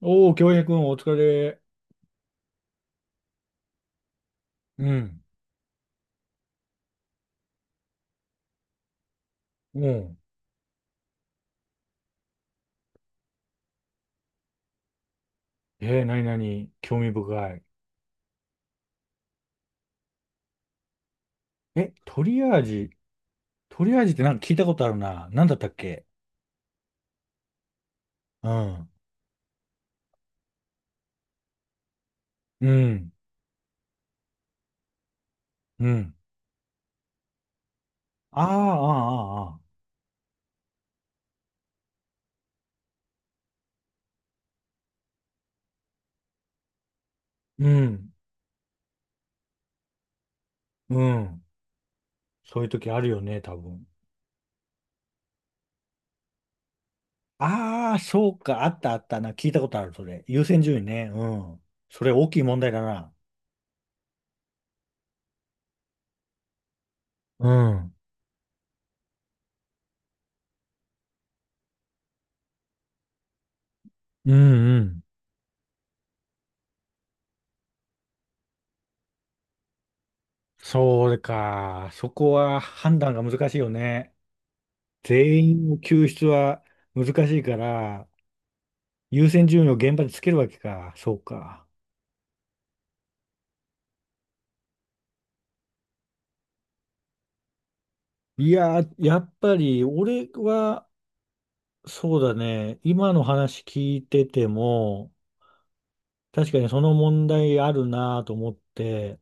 おー、京平くん、お疲れ。うん。うん。なになに、興味深い。え、トリアージ、トリアージってなんか聞いたことあるな。なんだったっけ。うん。うん。うん。ああ、ああ、あーあー。うん。うん。そういう時あるよね、多分。ああ、そうか。あったあったな。聞いたことある、それ。優先順位ね。うん。それ大きい問題だな。うん。うんうん。そうか。そこは判断が難しいよね。全員の救出は難しいから、優先順位を現場でつけるわけか。そうか。いやー、やっぱり俺は、そうだね。今の話聞いてても、確かにその問題あるなと思って、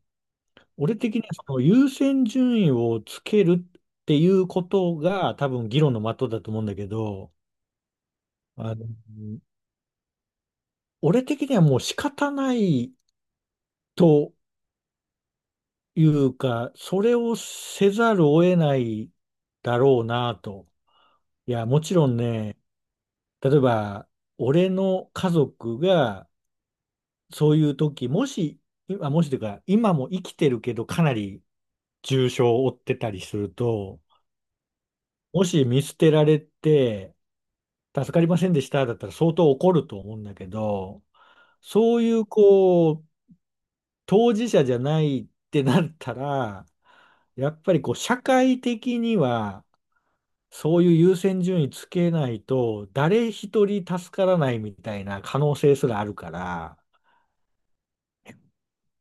俺的にはその優先順位をつけるっていうことが多分議論の的だと思うんだけど、あの、俺的にはもう仕方ないというか、それをせざるを得ないだろうなと。いや、もちろんね、例えば、俺の家族が、そういう時、もし、今、もしというか、今も生きてるけど、かなり重傷を負ってたりすると、もし見捨てられて、助かりませんでした、だったら相当怒ると思うんだけど、そういう、こう、当事者じゃないってなったら、やっぱりこう、社会的には、そういう優先順位つけないと、誰一人助からないみたいな可能性すらあるから、やっ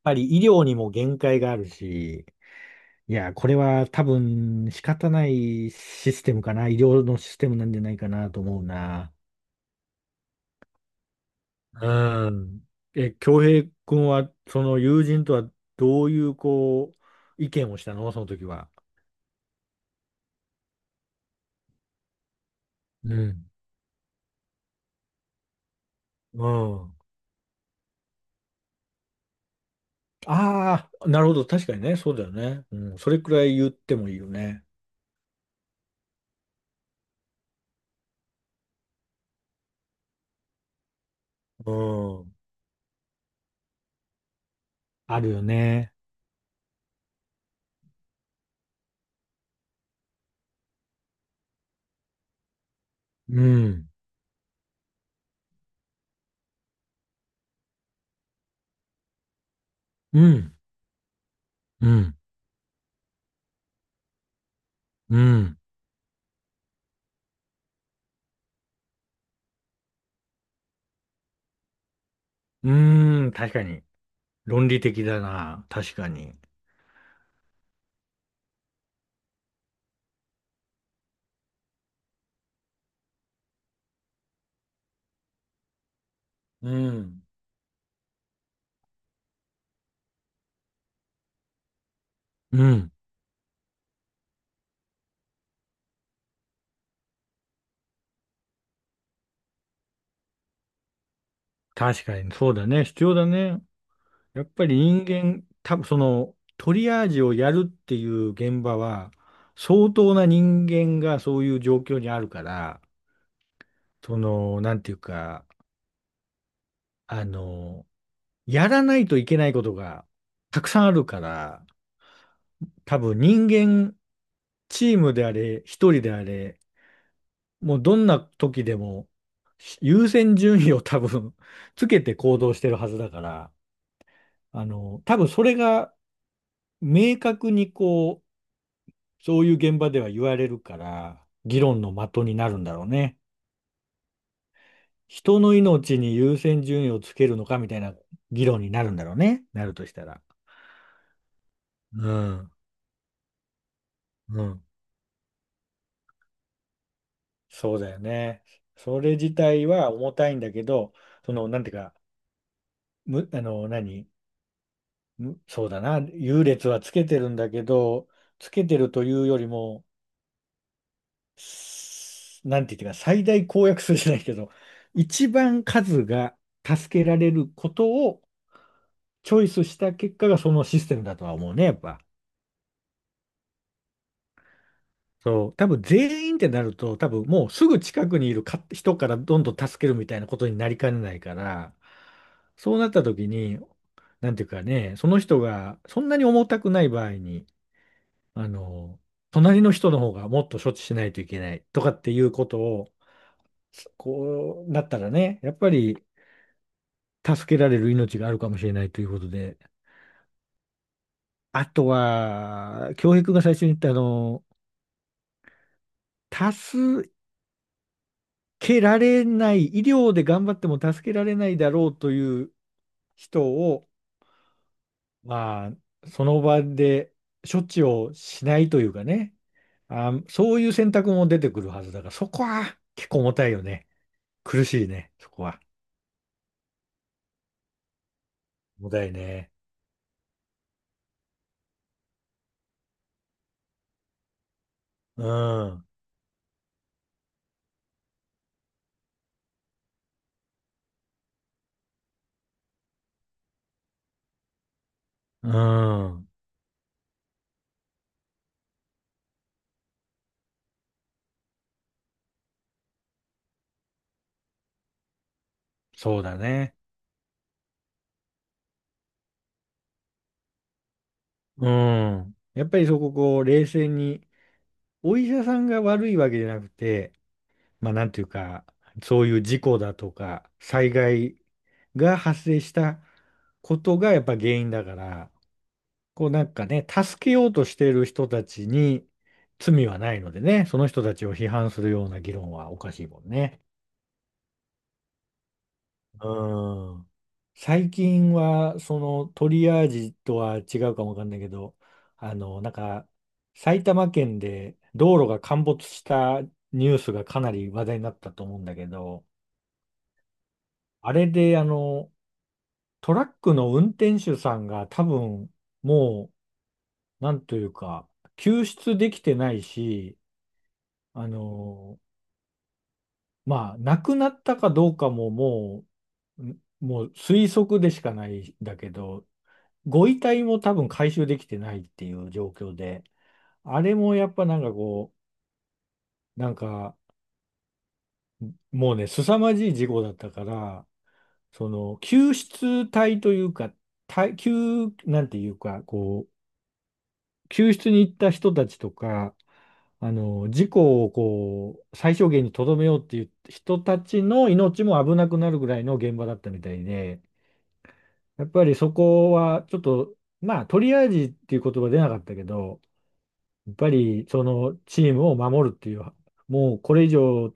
ぱり医療にも限界があるし、いや、これは多分仕方ないシステムかな、医療のシステムなんじゃないかなと思うな。うん。え、恭平君は、その友人とはどういう、こう、意見をしたのその時は。うん。うん。ああ、なるほど。確かにね。そうだよね。うん。それくらい言ってもいいよね。うん。あるよね。うん。うん。うん。うん。うーん。確かに。論理的だな。確かに。うん。うん。確かに。そうだね。必要だね。やっぱり人間、多分その、トリアージをやるっていう現場は、相当な人間がそういう状況にあるから、その、なんていうか、あの、やらないといけないことがたくさんあるから、多分人間、チームであれ、一人であれ、もうどんな時でも優先順位を 多分つけて行動してるはずだから、多分それが明確にこう、そういう現場では言われるから、議論の的になるんだろうね。人の命に優先順位をつけるのかみたいな議論になるんだろうね。なるとしたら。うん。うん、そうだよね。それ自体は重たいんだけど、その、なんていうか、む、あの、何、む、そうだな、優劣はつけてるんだけど、つけてるというよりも、なんていうか、最大公約数じゃないけど、一番数が助けられることをチョイスした結果がそのシステムだとは思うね、やっぱ。そう、多分全員ってなると、多分もうすぐ近くにいるか人からどんどん助けるみたいなことになりかねないから、そうなった時に、なんていうかね、その人がそんなに重たくない場合に、あの、隣の人の方がもっと処置しないといけないとかっていうことを、こうなったらね、やっぱり助けられる命があるかもしれないということで、あとは、教育が最初に言ったあの、多数、けられない、医療で頑張っても助けられないだろうという人を、まあ、その場で処置をしないというかね、あ、そういう選択も出てくるはずだから、そこは結構重たいよね。苦しいね、そこは。重たいね。うん、うん、そうだね。うん。やっぱりそこ、こう、冷静に、お医者さんが悪いわけじゃなくて、まあなんていうか、そういう事故だとか、災害が発生したことがやっぱ原因だから、こうなんかね、助けようとしている人たちに罪はないのでね、その人たちを批判するような議論はおかしいもんね。うん。最近は、そのトリアージとは違うかもわかんないけど、なんか、埼玉県で道路が陥没したニュースがかなり話題になったと思うんだけど、あれで、トラックの運転手さんが多分、もう、なんというか、救出できてないし、あの、まあ、亡くなったかどうかももう、推測でしかないんだけど、ご遺体も多分回収できてないっていう状況で、あれもやっぱなんかこう、なんか、もうね、凄まじい事故だったから、その、救出隊というか、なんていうか、こう、救出に行った人たちとか、事故をこう、最小限にとどめようっていう人たちの命も危なくなるぐらいの現場だったみたいで、やっぱりそこはちょっと、まあ、トリアージっていう言葉出なかったけど、やっぱりそのチームを守るっていう、もうこれ以上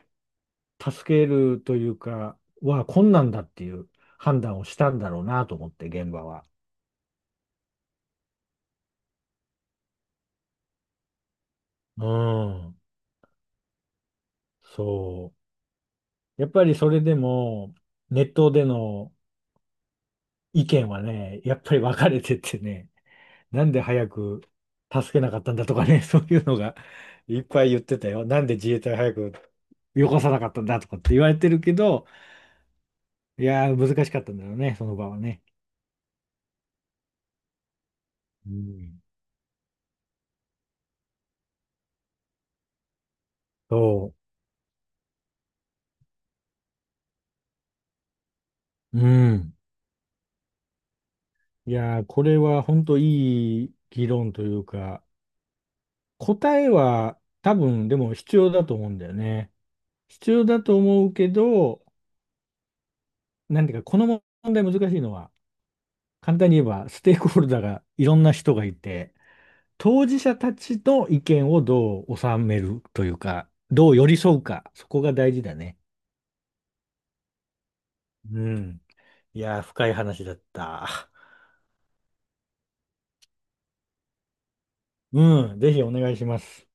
助けるというか、は困難だっていう判断をしたんだろうなと思って、現場は。うん、そう。やっぱりそれでも、ネットでの意見はね、やっぱり分かれててね、なんで早く助けなかったんだとかね、そういうのが いっぱい言ってたよ。なんで自衛隊早くよこさなかったんだとかって言われてるけど、いやー、難しかったんだろうね、その場はね。うん。そう。うん。いやー、これは本当いい議論というか、答えは多分でも必要だと思うんだよね。必要だと思うけど、なんていうか、この問題難しいのは、簡単に言えば、ステークホルダーがいろんな人がいて、当事者たちの意見をどう収めるというか、どう寄り添うか、そこが大事だね。うん。いやー、深い話だった。うん、ぜひお願いします。